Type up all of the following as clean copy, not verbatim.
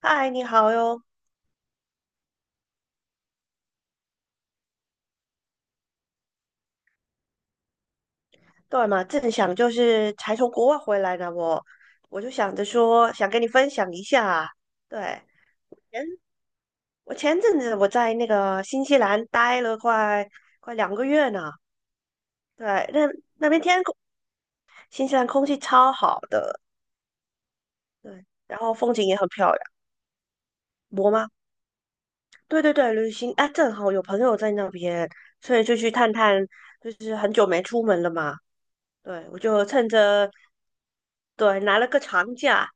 嗨，你好哟。对嘛，正想就是才从国外回来呢，我就想着说想跟你分享一下啊。对，前我前阵子我在那个新西兰待了快两个月呢。对，那那边天空，新西兰空气超好的，对，然后风景也很漂亮。我吗？对对对，旅行，哎，正好有朋友在那边，所以就去探探，就是很久没出门了嘛。对，我就趁着对拿了个长假，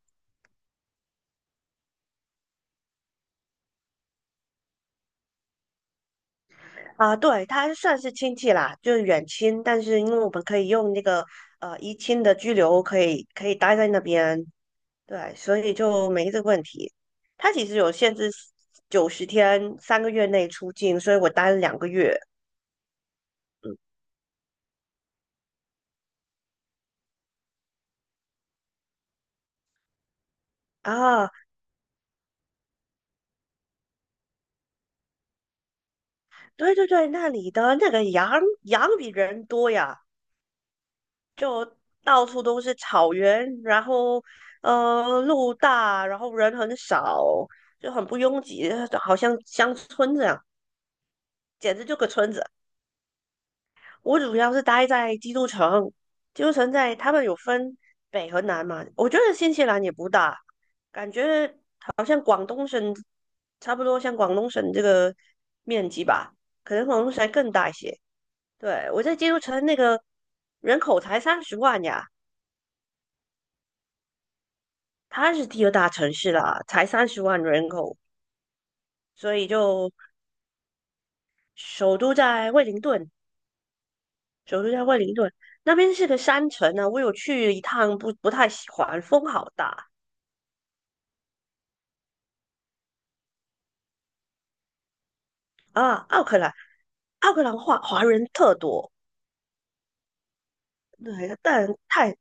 啊，对，他算是亲戚啦，就是远亲，但是因为我们可以用那个移亲的居留，可以待在那边，对，所以就没这个问题。他其实有限制90天，3个月内出境，所以我待了两个月啊。对对对，那里的那个羊比人多呀，到处都是草原，然后路大，然后人很少，就很不拥挤，好像乡村这样，简直就个村子。我主要是待在基督城，基督城在他们有分北和南嘛，我觉得新西兰也不大，感觉好像广东省差不多，像广东省这个面积吧，可能广东省还更大一些。对，我在基督城那个人口才三十万呀，它是第二大城市啦，才三十万人口，所以就首都在惠灵顿，首都在惠灵顿那边是个山城呢，我有去一趟不太喜欢，风好大。啊，奥克兰华人特多，对，但太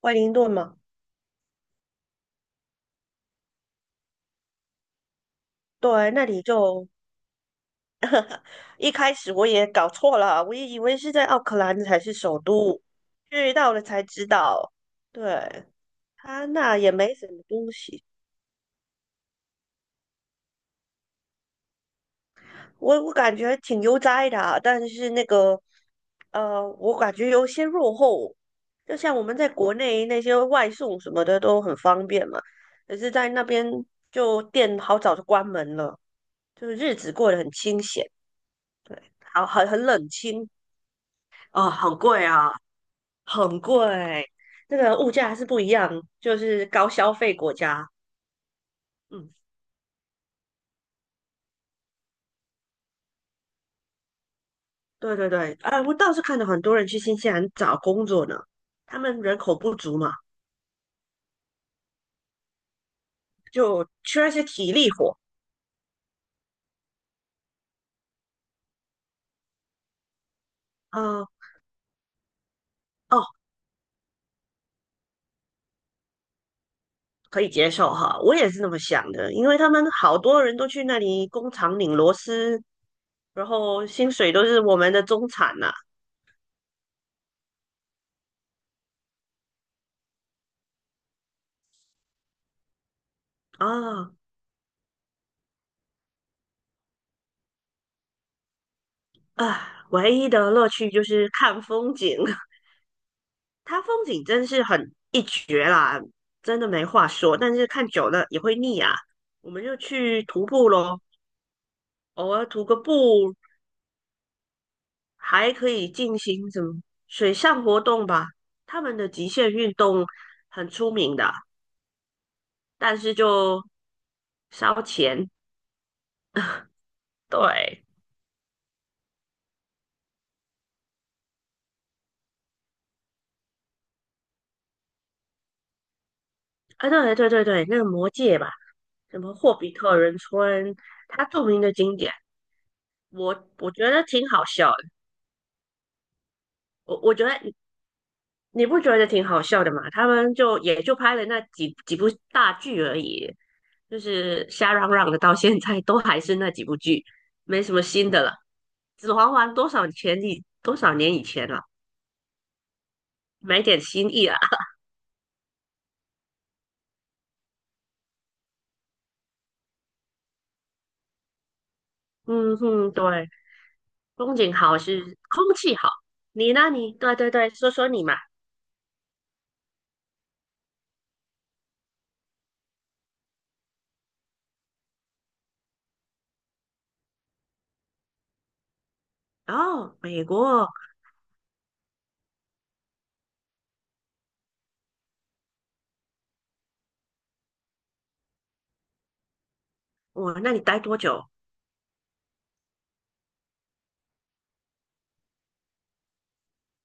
惠灵顿嘛，对，那里就一开始我也搞错了，我也以为是在奥克兰才是首都，去到了才知道，对，他那也没什么东西，我感觉挺悠哉的啊，但是那个，我感觉有些落后，就像我们在国内那些外送什么的都很方便嘛，可是在那边就店好早就关门了。就是日子过得很清闲，对，好很冷清哦，很贵啊，很贵，这个物价还是不一样，就是高消费国家，嗯，对对对，啊，我倒是看到很多人去新西兰找工作呢，他们人口不足嘛，就缺一些体力活，啊，哦，可以接受哈，我也是那么想的，因为他们好多人都去那里工厂拧螺丝，然后薪水都是我们的中产呐、啊，啊，唯一的乐趣就是看风景，它风景真是很一绝啦，真的没话说。但是看久了也会腻啊，我们就去徒步咯，偶尔徒个步，还可以进行什么水上活动吧。他们的极限运动很出名的，但是就烧钱。对，啊，对对对对，那个魔界吧，什么霍比特人村，它著名的景点，我觉得挺好笑。我觉得你不觉得挺好笑的吗？他们就也就拍了那几部大剧而已，就是瞎嚷嚷的，到现在都还是那几部剧，没什么新的了。指环王多少前以多少年以前了，没点新意啊。嗯哼，对，风景好是空气好。你呢？你对对对，说说你嘛。哦，美国，哇，那你待多久？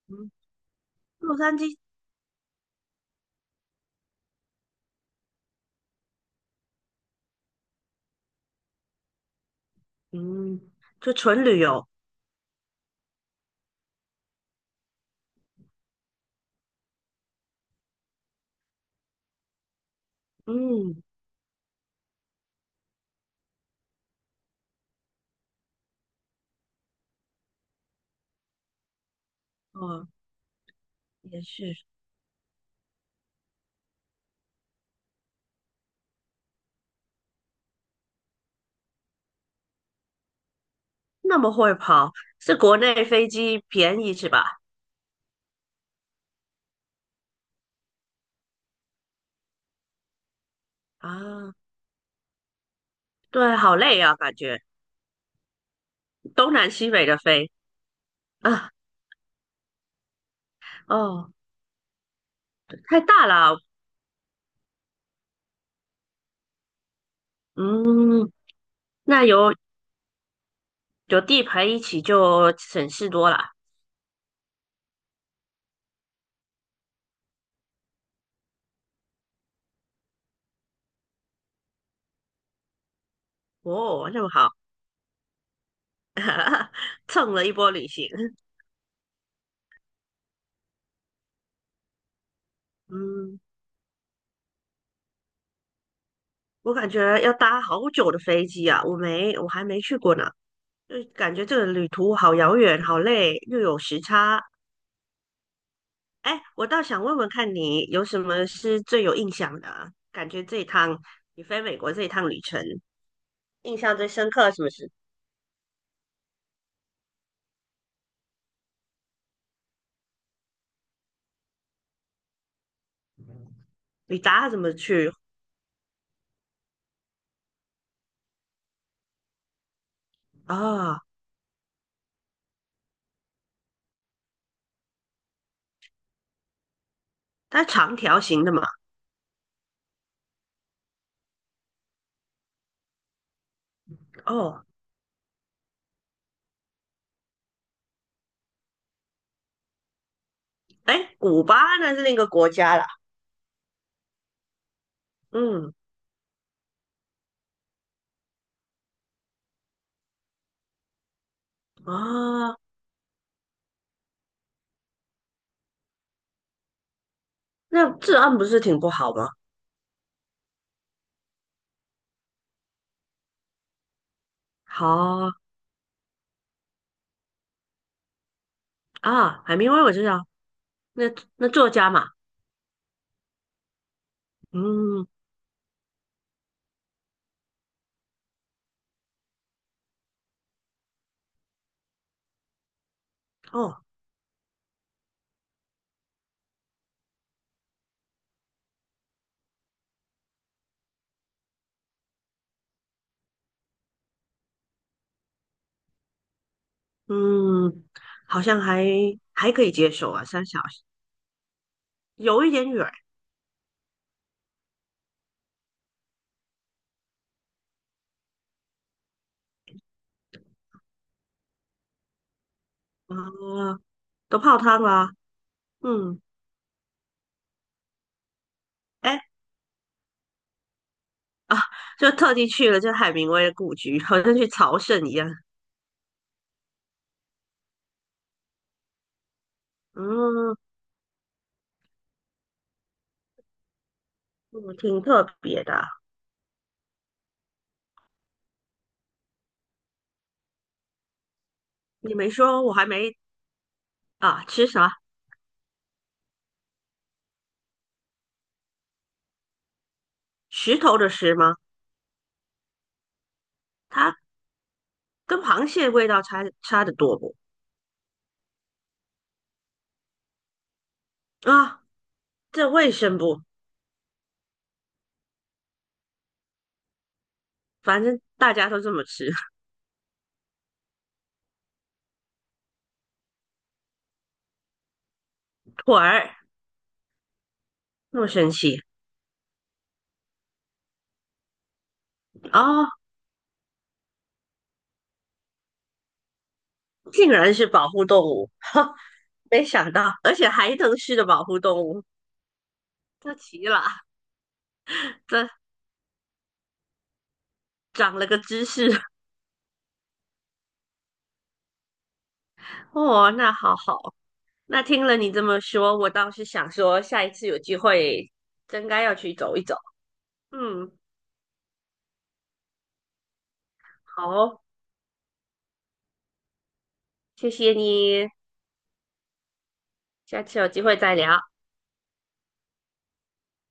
嗯，洛杉矶，嗯，就纯旅游。嗯，哦，也是。那么会跑，是国内飞机便宜是吧？啊，对，好累啊，感觉东南西北的飞啊，哦，太大了，嗯，那有地陪一起就省事多了。哦，那么好，蹭了一波旅行。嗯，我感觉要搭好久的飞机啊，我还没去过呢，就感觉这个旅途好遥远，好累，又有时差，哎，我倒想问问看你有什么是最有印象的啊感觉这一趟你飞美国这一趟旅程，印象最深刻的什么是？你搭怎么去？哦，它长条形的嘛。哦，哎，古巴那是另一个国家啦。嗯，啊，那治安不是挺不好吗？好啊，海明威我知道，那那作家嘛。嗯，哦，嗯，好像还可以接受啊，3小时有一点远啊。哦都泡汤啦、嗯，哎啊，就特地去了这海明威的故居，好像去朝圣一样。嗯，嗯挺特别的。你没说，我还没啊，吃啥？石头的石吗？它跟螃蟹味道差得多不？啊，这卫生不？反正大家都这么吃。腿儿那么神奇哦，竟然是保护动物，哈，没想到，而且还能是的保护动物，这奇了，这长了个知识。哦，那好好，那听了你这么说，我倒是想说，下一次有机会真该要去走一走。嗯，好哦谢谢你，下次有机会再聊。